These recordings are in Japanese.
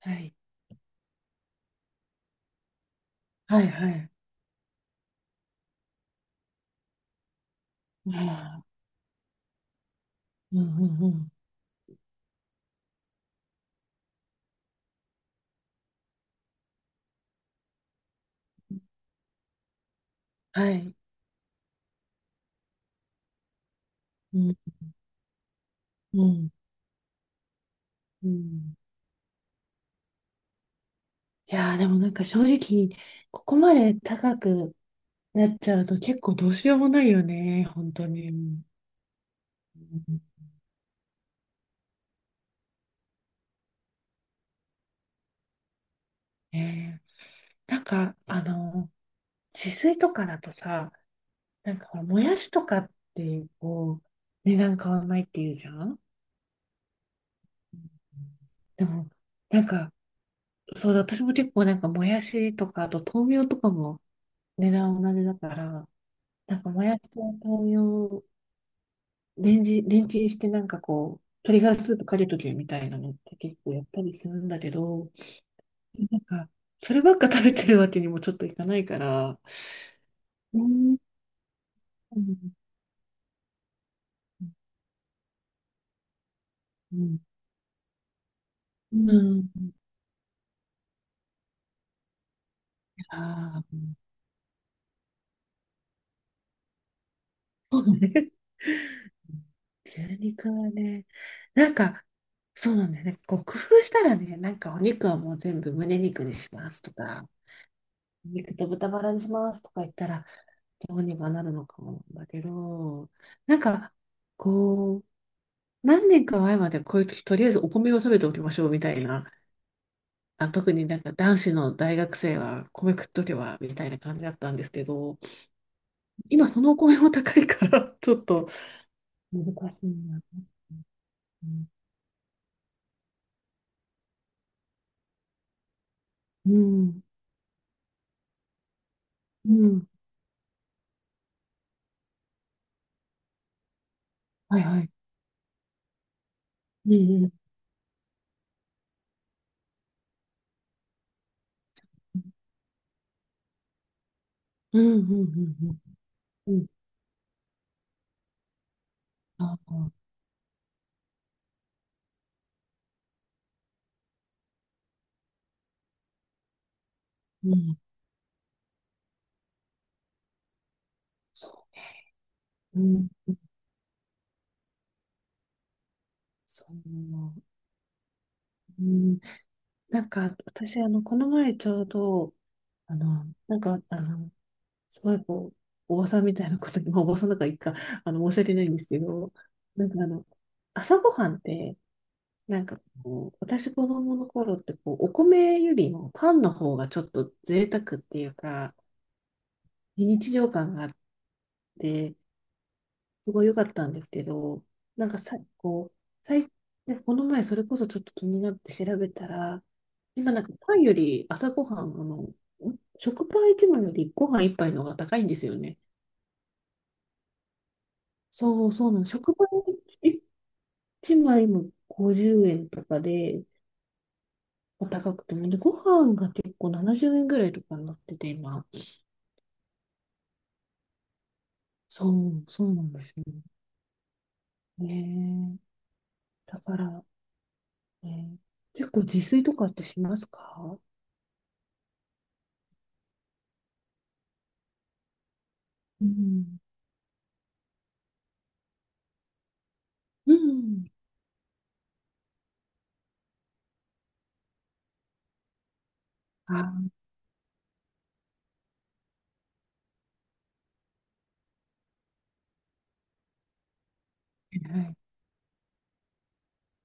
はい。はいはい。ああ、うんうんうん。はい。うんうんうん。いやー、でも正直、ここまで高くなっちゃうと結構どうしようもないよね。本当に。うん。ねえ、自炊とかだとさ、ほらもやしとかってこう、値段変わんないっていうじゃん。でも、なんか、そうだ、私も結構もやしとか、あと豆苗とかも値段同じだから、もやしと豆苗をレンジ、レンチンして、鶏ガラスープかけとけみたいなのって結構やったりするんだけど、なんか、そればっか食べてるわけにもちょっといかないから。うん、うん、うん、うん、ああ、そうね。牛肉はね、なんか、そうなんだよね。こう工夫したらね、お肉はもう全部胸肉にしますとか、肉と豚バラにしますとか言ったら、どうにかなるのかもなんだけど、なんか、こう、何年か前までこういう時、とりあえずお米を食べておきましょうみたいな、あ、特に男子の大学生は米食っとけばみたいな感じだったんですけど、今そのお米も高いから ちょっと難しいな。うん、うん、うん。はいはい。うん、うん、うん、うん、うん、うん、あ、うん、そう、うん、そう、うん。私、この前ちょうど、あの、なんか、あの、すごいこう、おばさんみたいなことに、まあ、おばさんだからいいか、申し訳ないんですけど、なんかあの、朝ごはんって、私子供の頃って、こう、お米よりもパンの方がちょっと贅沢っていうか、非日常感があって、すごい良かったんですけど、なんかさ、こう、最、でこの前それこそちょっと気になって調べたら、今パンより朝ごはん、食パン1枚よりご飯1杯の方が高いんですよね。そうなの。食パン1枚も50円とかで、高くても、で、ご飯が結構70円ぐらいとかになってて、今。そうなんですよね。だから、ね、結構自炊とかってしますか？うん。うん。あ、はいはい。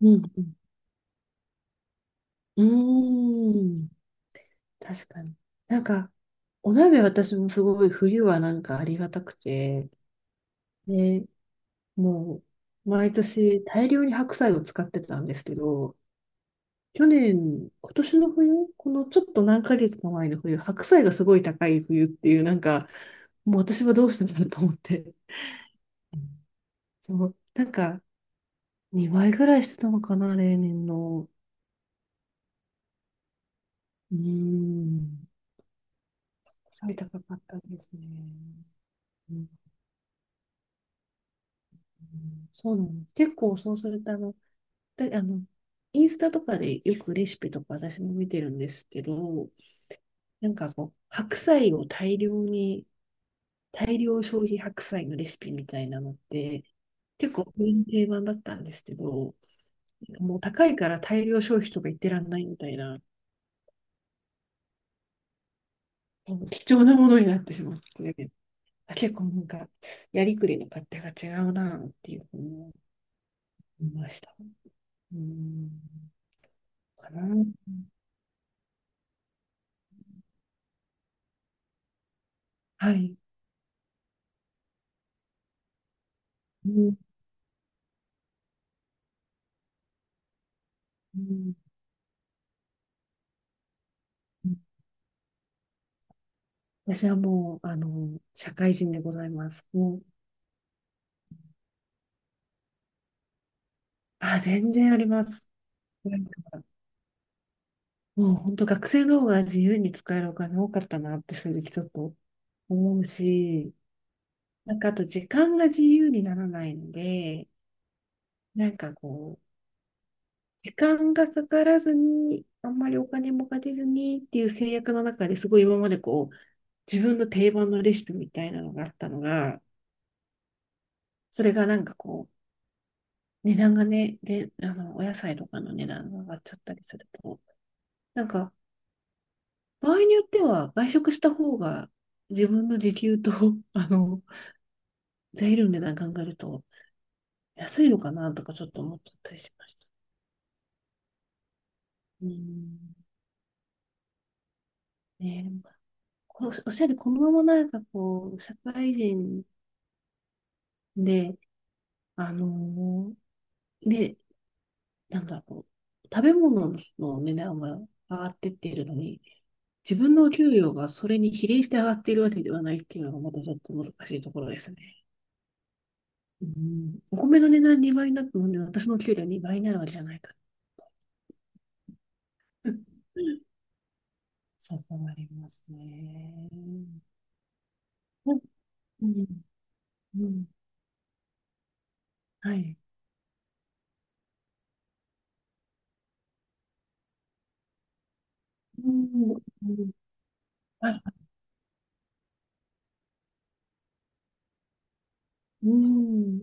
うん、うん。うーん。確かに。なんか、お鍋私もすごい冬はなんかありがたくて、で、もう、毎年大量に白菜を使ってたんですけど、去年、今年の冬、このちょっと何ヶ月か前の冬、白菜がすごい高い冬っていう、もう私はどうしてんだと思って。そう、2倍ぐらいしてたのかな、例年の。うーん。白菜高かったですね。うん。そうなの。結構そうすると、あの、で、あの、インスタとかでよくレシピとか私も見てるんですけど、なんかこう、白菜を大量に、大量消費白菜のレシピみたいなのって、結構定番だったんですけど、もう高いから大量消費とか言ってらんないみたいな、貴重なものになってしまって、あ、結構やりくりの勝手が違うなっていうふうに思いました。うん、かな。はい。うん、うん。私はもう、社会人でございます。もう、あ、全然あります。なんかもう本当学生の方が自由に使えるお金多かったなって正直ちょっと思うし、あと時間が自由にならないので、なんかこう、時間がかからずに、あんまりお金もかけずにっていう制約の中ですごい今までこう、自分の定番のレシピみたいなのがあったのが、それが値段がね、で、お野菜とかの値段が上がっちゃったりすると、なんか、場合によっては外食した方が自分の時給と、あの、材料の値段考えると安いのかなとかちょっと思っちゃったりしました。うん。ね。このおっしゃる、このまま社会人で、あの、で、なんだろう、食べ物の値段は上がってってるのに、自分のお給料がそれに比例して上がっているわけではないっていうのがまたちょっと難しいところですね。うん、お米の値段2倍になったので、私の給料2倍になるわけじゃないから。そうなりますね。うん、うん、うん、はい。うん、うん、はい、うん、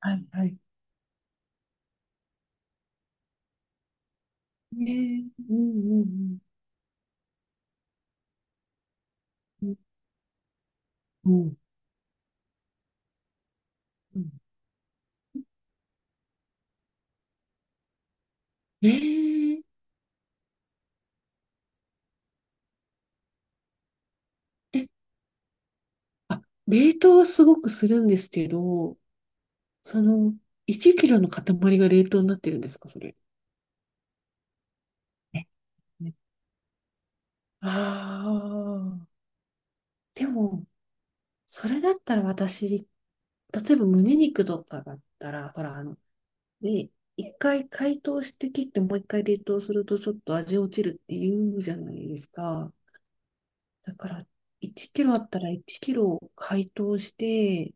はい、はい。ねえ、うん、うん、うん、うん、うん。ええ。あ、冷凍はすごくするんですけど、その、1キロの塊が冷凍になってるんですか、それ。え、ああ。でも、それだったら私、例えば胸肉とかだったら、ほら、ね、一回解凍して切ってもう一回冷凍するとちょっと味落ちるって言うじゃないですか。だから、1キロあったら1キロ解凍して、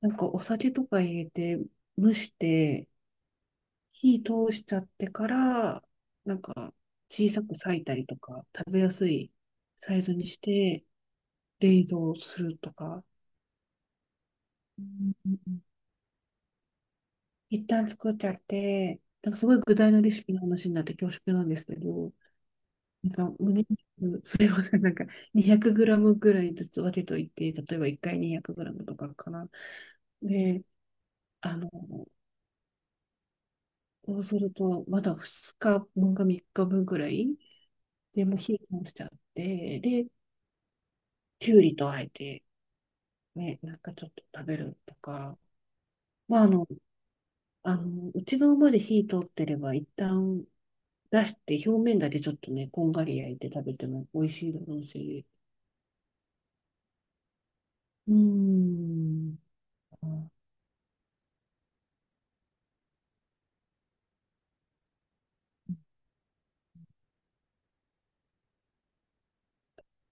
お酒とか入れて蒸して、火通しちゃってから、なんか小さく裂いたりとか、食べやすいサイズにして冷蔵するとか。うんうんうん。一旦作っちゃって、すごい具材のレシピの話になって恐縮なんですけど、胸肉、それをね、200g ぐらいずつ分けといて、例えば1回 200g とかかな。で、あの、そうすると、まだ2日分か3日分ぐらい、でもう火を通しちゃって、で、きゅうりとあえて、ね、ちょっと食べるとか、まあ、あの、内側まで火通ってれば、一旦出して表面だけちょっとね、こんがり焼いて食べても美味しいだろうし。うーん。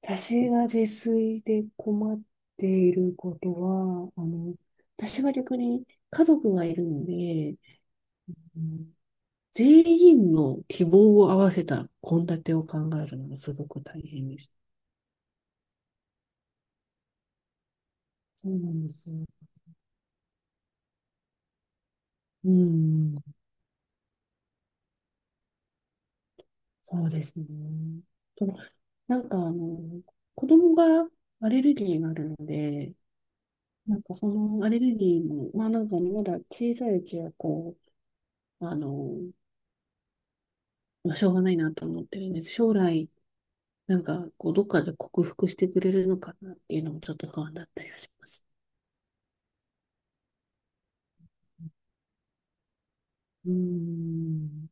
私が自炊で困っていることは、私は逆に家族がいるので、うん、全員の希望を合わせた献立を考えるのがすごく大変でした。そうなんですよ。うん。そうですね。と、なんかあの、子供がアレルギーがあるので、そのアレルギーも、まあなんかね、まだ小さいうちはこう、まあしょうがないなと思ってるんです。将来、どっかで克服してくれるのかなっていうのもちょっと不安だったりはします。うーん